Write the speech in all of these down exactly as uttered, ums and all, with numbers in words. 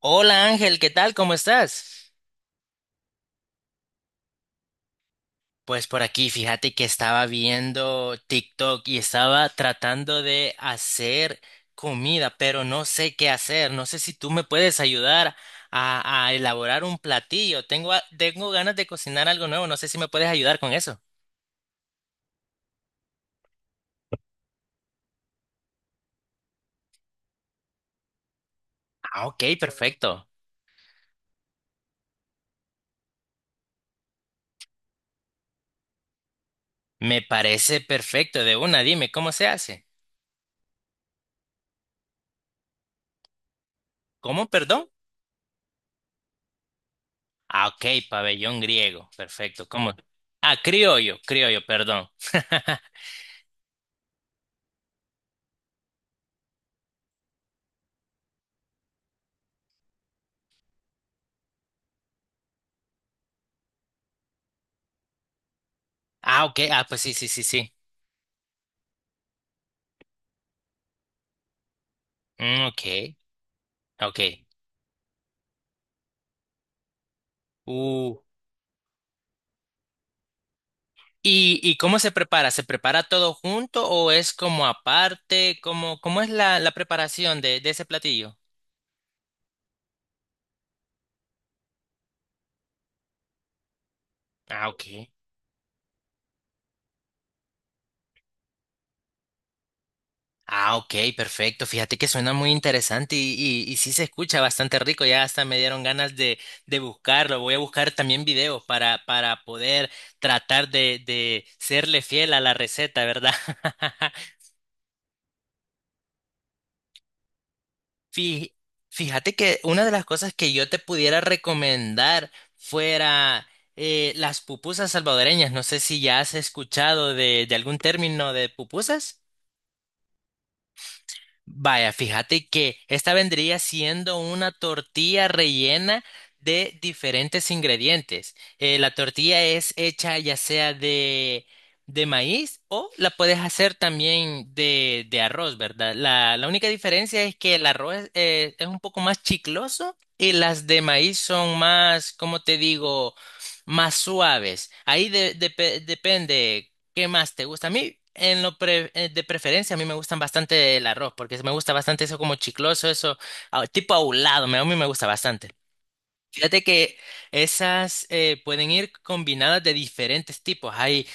Hola Ángel, ¿qué tal? ¿Cómo estás? Pues por aquí, fíjate que estaba viendo TikTok y estaba tratando de hacer comida, pero no sé qué hacer. No sé si tú me puedes ayudar a, a elaborar un platillo. Tengo, a- tengo ganas de cocinar algo nuevo. No sé si me puedes ayudar con eso. Ah, ok, perfecto. Me parece perfecto. De una, dime, ¿cómo se hace? ¿Cómo, perdón? Ah, ok, pabellón griego. Perfecto. ¿Cómo? Ah, criollo, criollo, perdón. Ah, ok. Ah, pues sí, sí, sí, sí. Mm, ok, ok. Uh, ¿y, y cómo se prepara? ¿Se prepara todo junto o es como aparte? ¿Cómo, cómo es la, la preparación de, de ese platillo? Ah, ok. Ah, ok, perfecto. Fíjate que suena muy interesante y, y, y sí se escucha bastante rico. Ya hasta me dieron ganas de, de buscarlo. Voy a buscar también videos para, para poder tratar de, de serle fiel a la receta, ¿verdad? Fí- Fíjate que una de las cosas que yo te pudiera recomendar fuera eh, las pupusas salvadoreñas. No sé si ya has escuchado de, de algún término de pupusas. Vaya, fíjate que esta vendría siendo una tortilla rellena de diferentes ingredientes. Eh, la tortilla es hecha ya sea de, de maíz o la puedes hacer también de, de arroz, ¿verdad? La, la única diferencia es que el arroz eh, es un poco más chicloso y las de maíz son más, ¿cómo te digo? Más suaves. Ahí de- depe- depende. ¿Qué más te gusta? A mí, en lo pre- eh, de preferencia, a mí me gustan bastante el arroz, porque me gusta bastante eso como chicloso, eso ah, tipo ahulado, me- a mí me gusta bastante. Fíjate que esas eh, pueden ir combinadas de diferentes tipos. Hay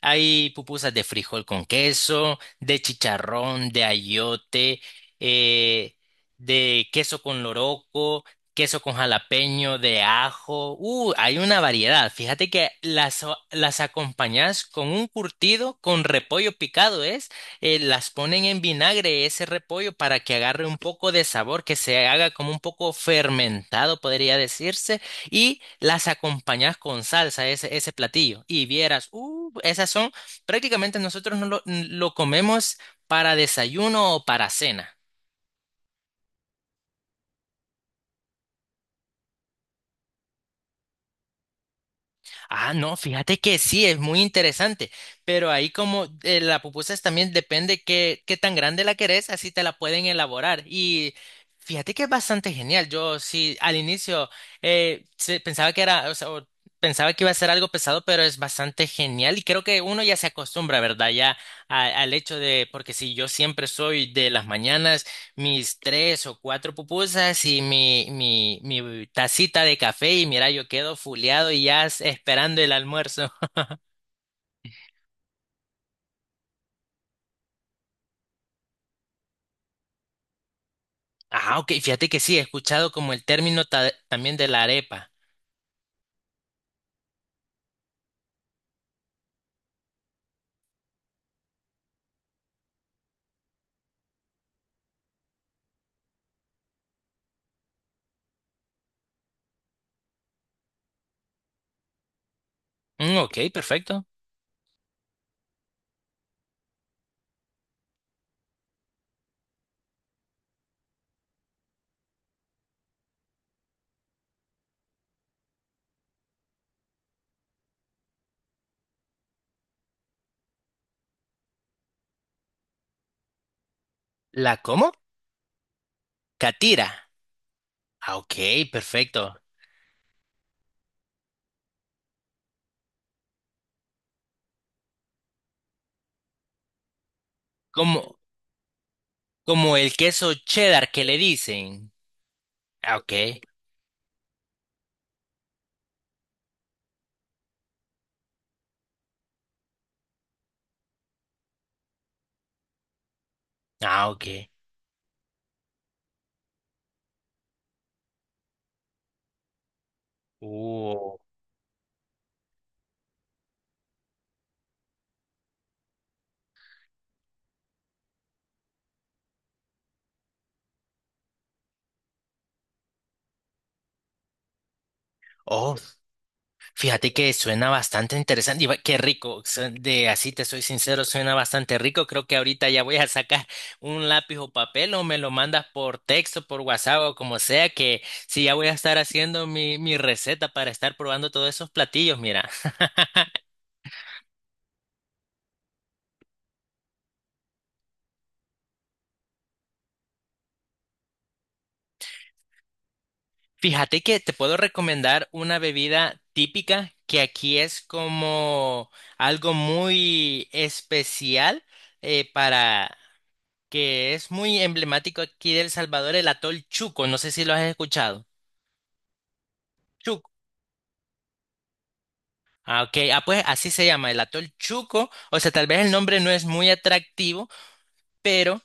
hay pupusas de frijol con queso, de chicharrón, de ayote, eh, de queso con loroco, queso con jalapeño, de ajo. Uh, hay una variedad. Fíjate que las, o- las acompañas con un curtido, con repollo picado, ¿es? Eh, las ponen en vinagre ese repollo para que agarre un poco de sabor, que se haga como un poco fermentado, podría decirse, y las acompañas con salsa, ese, ese platillo. Y vieras, uh, esas son, prácticamente nosotros no lo, lo comemos para desayuno o para cena. Ah, no, fíjate que sí, es muy interesante, pero ahí como eh, la pupusa es también depende qué, qué tan grande la querés, así te la pueden elaborar. Y fíjate que es bastante genial. Yo sí, al inicio eh, se- pensaba que era, o sea, o pensaba que iba a ser algo pesado, pero es bastante genial y creo que uno ya se acostumbra, ¿verdad? Ya a- al hecho de, porque si yo siempre soy de las mañanas mis tres o cuatro pupusas y mi, mi, mi tacita de café y mira, yo quedo fuleado y ya s- esperando el almuerzo. Ah, ok, fíjate que sí, he escuchado como el término ta- también de la arepa. Mm, ok, perfecto. ¿La cómo? Catira. Ah, ok, perfecto. Como, como el queso cheddar que le dicen. Ah, ok. Ah, ok. Uh. Oh, fíjate que suena bastante interesante y va- qué rico. su- De así te soy sincero, suena bastante rico. Creo que ahorita ya voy a sacar un lápiz o papel o me lo mandas por texto, por WhatsApp o como sea, que sí, ya voy a estar haciendo mi, mi receta para estar probando todos esos platillos. Mira, fíjate que te puedo recomendar una bebida típica que aquí es como algo muy especial eh, para que es muy emblemático aquí de El Salvador, el atol Chuco, no sé si lo has escuchado. Chuco. Ah, ok. Ah, pues así se llama, el atol Chuco. O sea, tal vez el nombre no es muy atractivo, pero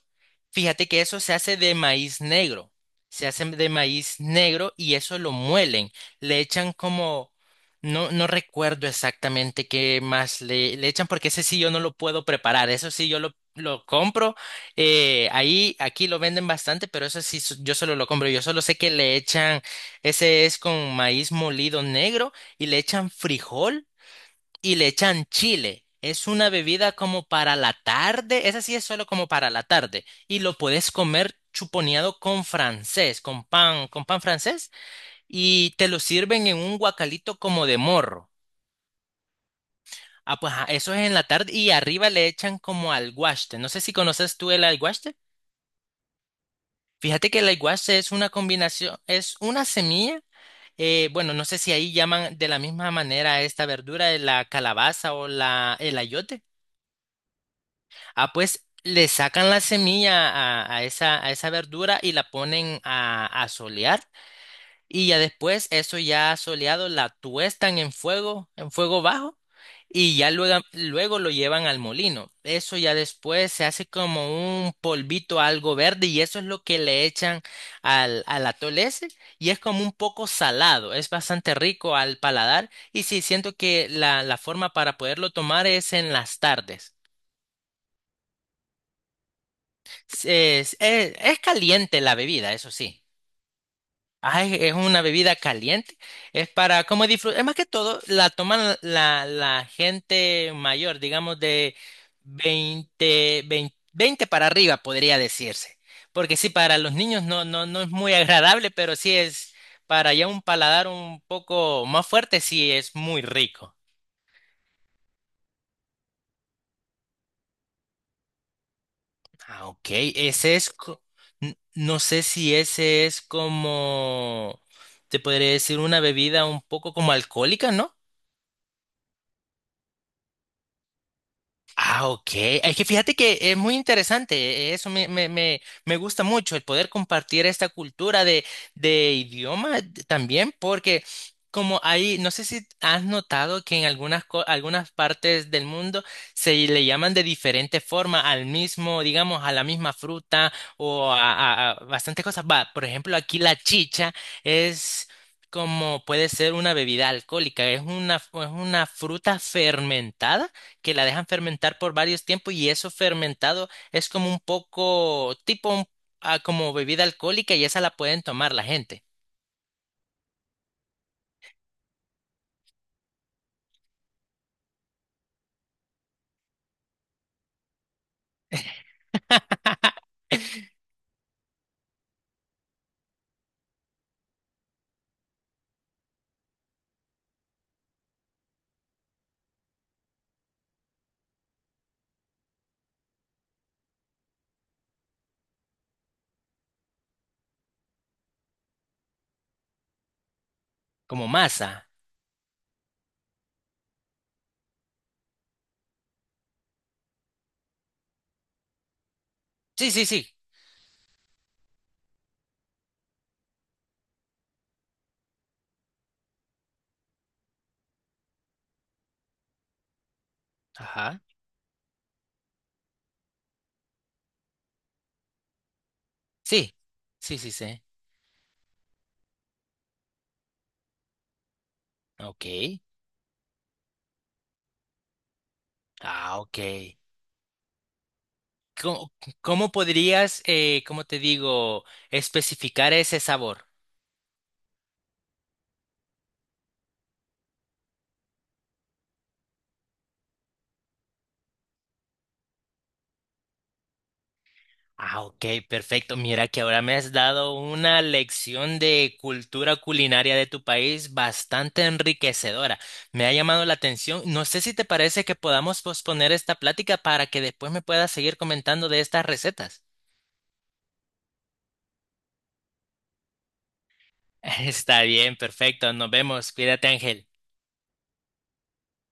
fíjate que eso se hace de maíz negro. Se hace de maíz negro y eso lo muelen. Le echan como, no, no recuerdo exactamente qué más le, le echan porque ese sí yo no lo puedo preparar. Eso sí yo lo, lo compro. Eh, ahí, aquí lo venden bastante, pero eso sí so- yo solo lo compro. Yo solo sé que le echan, ese es con maíz molido negro y le echan frijol y le echan chile. Es una bebida como para la tarde, esa sí es solo como para la tarde y lo puedes comer chuponeado con francés, con pan, con pan francés y te lo sirven en un guacalito como de morro. Ah, pues ah, eso es en la tarde y arriba le echan como alguaste. No sé si conoces tú el alguaste. Fíjate que el alguaste es una combinación, es una semilla eh, bueno, no sé si ahí llaman de la misma manera a esta verdura, la calabaza o la, el ayote. Ah, pues le sacan la semilla a, a esa, a esa verdura y la ponen a, a solear y ya después eso ya soleado la tuestan en fuego, en fuego bajo y ya luego, luego lo llevan al molino. Eso ya después se hace como un polvito algo verde y eso es lo que le echan al, al atole ese y es como un poco salado, es bastante rico al paladar y sí, siento que la, la forma para poderlo tomar es en las tardes. Es, es- es caliente la bebida, eso sí. Ah, es, es una bebida caliente. Es para como disfrutar. Es más que todo, la toman la, la gente mayor, digamos de veinte veinte 20 para arriba, podría decirse. Porque sí, para los niños no, no, no es muy agradable, pero sí es para ya un paladar un poco más fuerte, sí es muy rico. Ah, ok. Ese es, co- n- no sé si ese es como, te podría decir, una bebida un poco como alcohólica, ¿no? Ah, ok. Es que fíjate que es muy interesante. eh, Eso me, me, me, me gusta mucho, el poder compartir esta cultura de, de idioma d- también, porque como ahí, no sé si has notado que en algunas, co- algunas partes del mundo se le llaman de diferente forma al mismo, digamos, a la misma fruta o a, a- a bastantes cosas. Va, por ejemplo, aquí la chicha es... como puede ser una bebida alcohólica, es una, es una fruta fermentada que la dejan fermentar por varios tiempos y eso fermentado es como un poco tipo un- ah, como bebida alcohólica y esa la pueden tomar la gente, como masa. Sí, sí, sí. Ajá. Sí, sí, sí, sí. Ok. Ah, ok. ¿Cómo, cómo podrías, eh, cómo te digo, especificar ese sabor? Ah, ok, perfecto. Mira que ahora me has dado una lección de cultura culinaria de tu país bastante enriquecedora. Me ha llamado la atención. No sé si te parece que podamos posponer esta plática para que después me puedas seguir comentando de estas recetas. Está bien, perfecto. Nos vemos. Cuídate, Ángel.